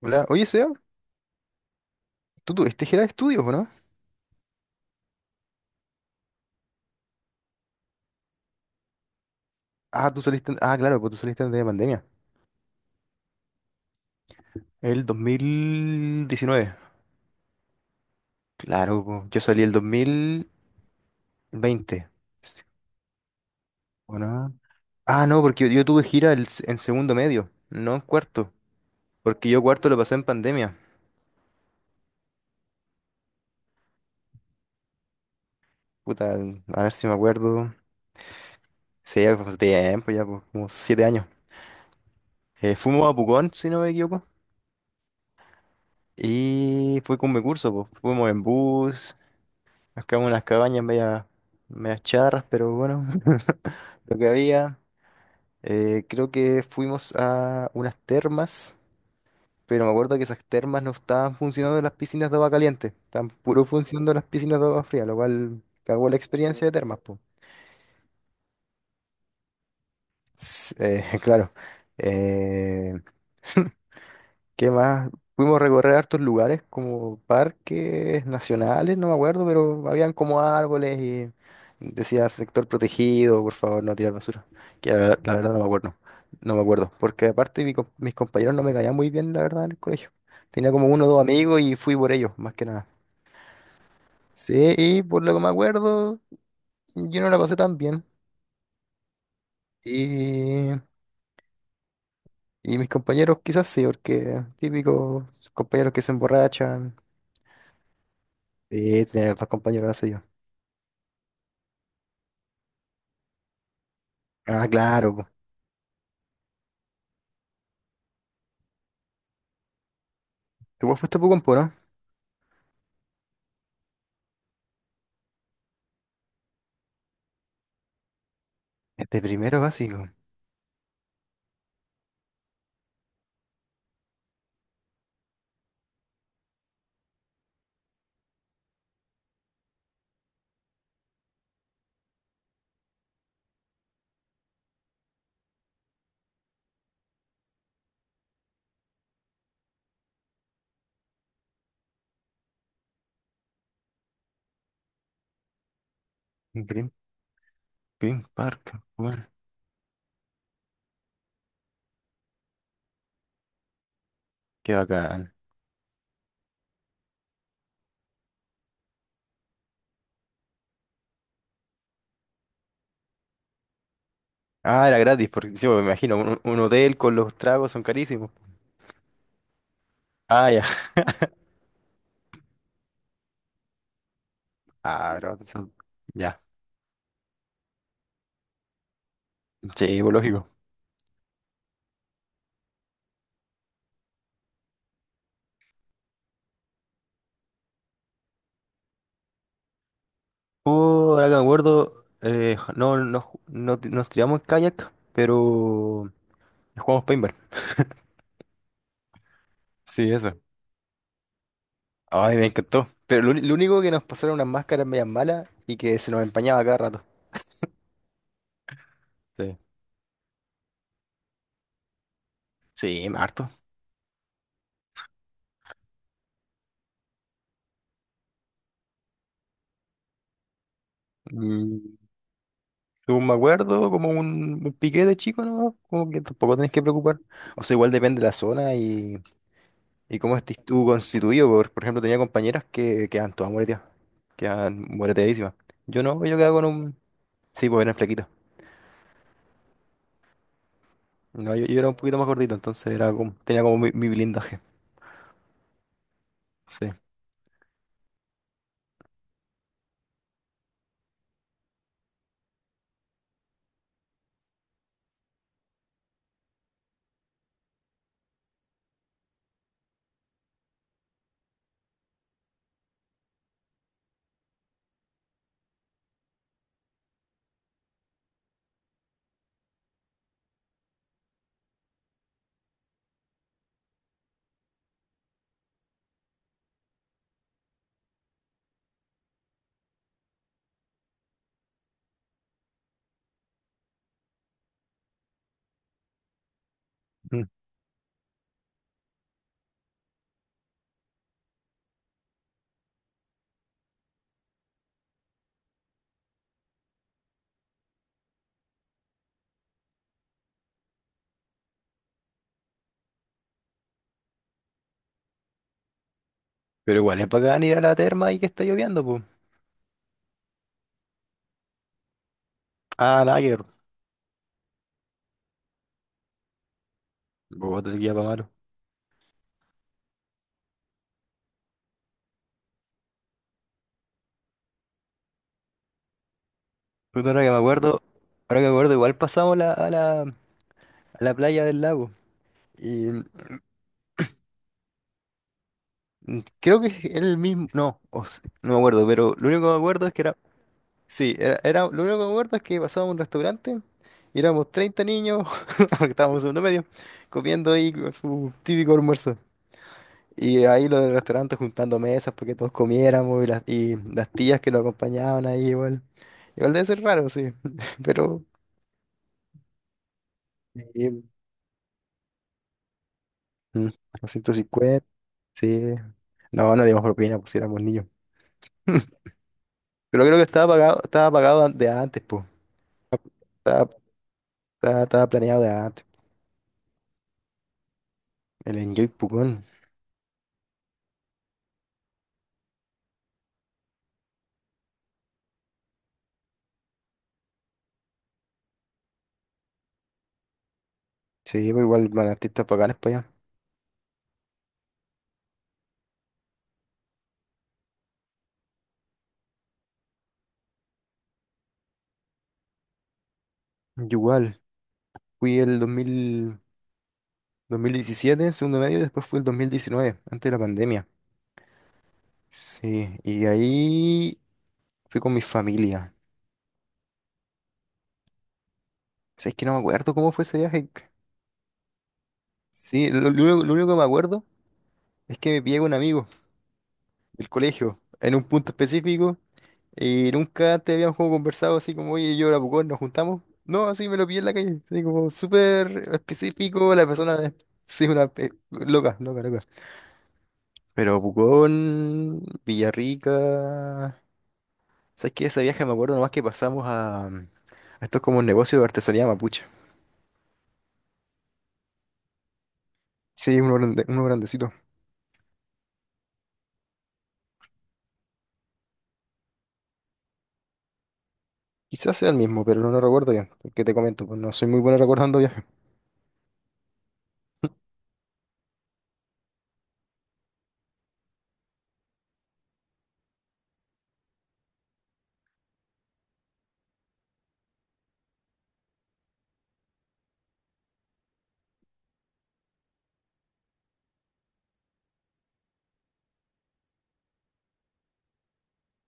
Hola, oye, Seba, ¿tú tuviste gira de estudios o no? Ah, tú saliste, ah, claro, pues tú saliste antes de pandemia. El 2019. Claro, pues, yo salí el 2020. Sí. ¿O no? Ah, no, porque yo tuve gira en segundo medio, no en cuarto. Porque yo cuarto lo pasé en pandemia. Puta, a ver si me acuerdo. Sí, ya fue hace tiempo, ya, pues, como siete años. Fuimos a Pucón, si no me equivoco. Y fue con mi curso, pues. Fuimos en bus. Acá hubo unas cabañas media, medias charras, pero bueno, lo que había. Creo que fuimos a unas termas, pero me acuerdo que esas termas no estaban funcionando las piscinas de agua caliente, estaban puro funcionando las piscinas de agua fría, lo cual cagó la experiencia de termas, pues. Claro. Eh, ¿Qué más? Pudimos recorrer hartos lugares como parques nacionales, no me acuerdo, pero habían como árboles y decía sector protegido, por favor, no tirar basura. Que la, la verdad no me acuerdo, no me acuerdo, porque aparte mis compañeros no me caían muy bien, la verdad, en el colegio. Tenía como uno o dos amigos y fui por ellos, más que nada. Sí, y por lo que me acuerdo, yo no la pasé tan bien. Y, y mis compañeros quizás sí, porque típicos compañeros que se emborrachan. Sí, tenía hartos compañeros así. Ah, claro, po. Tú igual fuiste a Pucompo, ¿no? De primero básico. Green, Green Park. Bueno, qué bacán. Ah, era gratis, porque sí, pues, me imagino, un hotel con los tragos son carísimos. Ah, ya. Ah, pero son... Ya. Sí, pues, lógico. Oh, ahora que me acuerdo, no, no, ju- no ti- nos tiramos en kayak, pero jugamos paintball. Sí, eso. Ay, me encantó. Pero lo único que nos pasaron unas máscaras medias malas y que se nos empañaba cada rato. Sí. Sí, harto. Mm. Según me acuerdo, como un piqué de chico, ¿no? Como que tampoco tenés que preocupar. O sea, igual depende de la zona y cómo estés tú constituido. Por ejemplo, tenía compañeras que quedan todas moreteadas, quedan moreteadísimas. Yo no, yo quedaba con un... Sí, pues era flaquito. No, yo era un poquito más gordito, entonces era como, tenía como mi blindaje. Sí. Mm. Pero igual es bacán ir a la terma y que está lloviendo, pues. Ah, nada que ver. Bogotá, el guía pa' malo. Puta, ahora que me acuerdo, ahora que me acuerdo, igual pasamos a la playa del lago. Y mm, creo que es el mismo, no, no me acuerdo, pero lo único que me acuerdo es que era, sí, lo único que me acuerdo es que pasábamos a un restaurante y éramos 30 niños, porque estábamos en segundo medio, comiendo ahí con su típico almuerzo. Y ahí los del restaurante juntando mesas porque todos comiéramos y y las tías que lo acompañaban ahí igual. Igual debe ser raro, sí, pero... Sí, mm, 250, sí. No, no dimos propina, pues si éramos niños. Pero creo que estaba pagado de antes, pues. Estaba, estaba planeado de antes. El Enjoy Pucón. Sí, pues igual van artistas bacanes para allá. Yo igual. Fui el 2017, segundo medio, y después fui el 2019, antes de la pandemia. Sí, y ahí fui con mi familia. O sea, es que no me acuerdo cómo fue ese viaje. Sí, lo único lo único que me acuerdo es que me pillé con un amigo del colegio, en un punto específico, y nunca antes habíamos como conversado así como, oye, yo era Pucón, nos juntamos. No, así me lo pillé en la calle, así como súper específico, la persona, sí, loca, loca, loca. Pero Pucón, Villarrica, ¿sabes qué? Ese viaje me acuerdo nomás que pasamos a estos como negocios de artesanía mapuche. Sí, uno grandecito. Quizás sea el mismo, pero no lo recuerdo bien, porque te comento, pues no soy muy bueno recordando viajes.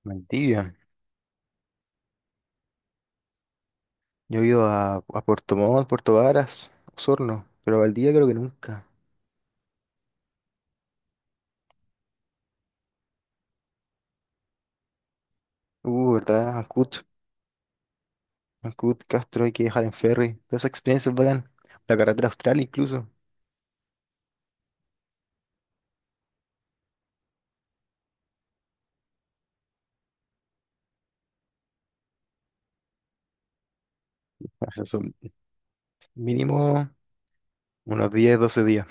Mentira. Yo he ido a Puerto Montt, Puerto Varas, Osorno, pero a Valdivia creo que nunca. ¿Verdad? Ancud, Castro, hay que viajar en ferry. Todas esas experiencias bacán. La carretera austral incluso. O sea, son mínimo unos 10, 12 días.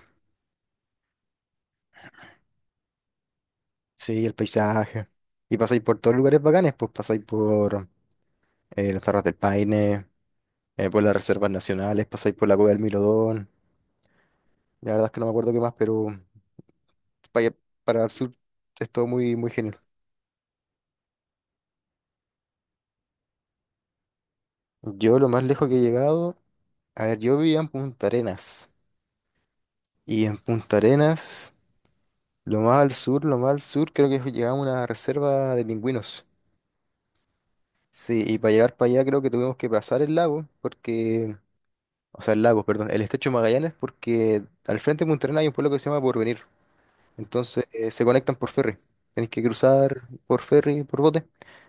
Sí, el paisaje. Y pasáis por todos lugares bacanes, pues pasáis por las Terras del Paine, por las reservas nacionales, pasáis por la Cueva del Milodón. La verdad es que no me acuerdo qué más, pero para, para el sur es todo muy, muy genial. Yo lo más lejos que he llegado, a ver, yo vivía en Punta Arenas. Y en Punta Arenas, lo más al sur, lo más al sur, creo que llegaba una reserva de pingüinos. Sí, y para llegar para allá creo que tuvimos que pasar el lago, porque, o sea, el lago, perdón, el estrecho de Magallanes, porque al frente de Punta Arenas hay un pueblo que se llama Porvenir. Entonces, se conectan por ferry. Tenéis que cruzar por ferry, por bote,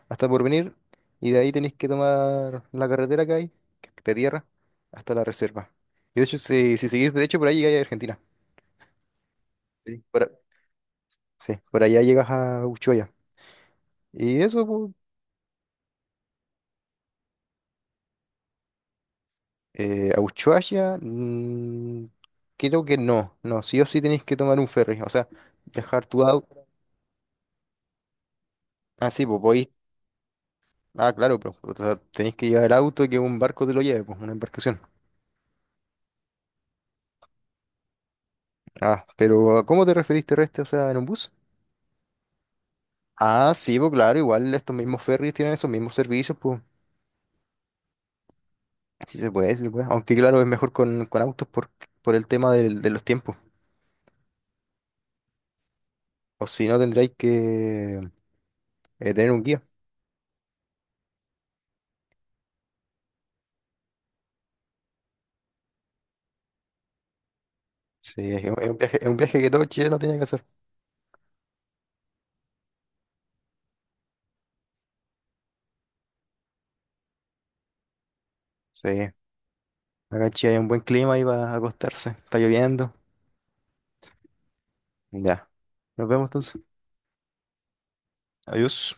hasta Porvenir, y de ahí tenéis que tomar la carretera que hay, que es de tierra, hasta la reserva. Y de hecho, si seguís derecho por ahí llegáis a Argentina. Sí. Por... Sí, por allá llegas a Ushuaia. Y eso, po, a Ushuaia, mm, creo que no, no, sí o sí tenéis que tomar un ferry, o sea, dejar tu auto. Ah, sí, pues podéis. Ah, claro, pero o sea, tenéis que llevar el auto y que un barco te lo lleve, pues una embarcación. Ah, pero ¿a ¿cómo te referís terrestre? O sea, en un bus. Ah, sí, pues claro, igual estos mismos ferries tienen esos mismos servicios, pues sí se puede, sí se puede. Aunque claro, es mejor con autos por el tema de los tiempos. O si no, tendréis que tener un guía. Sí, es un viaje que todo chileno tiene que hacer. Sí, acá en Chile hay un buen clima ahí para acostarse. Está lloviendo. Ya, nos vemos entonces. Adiós.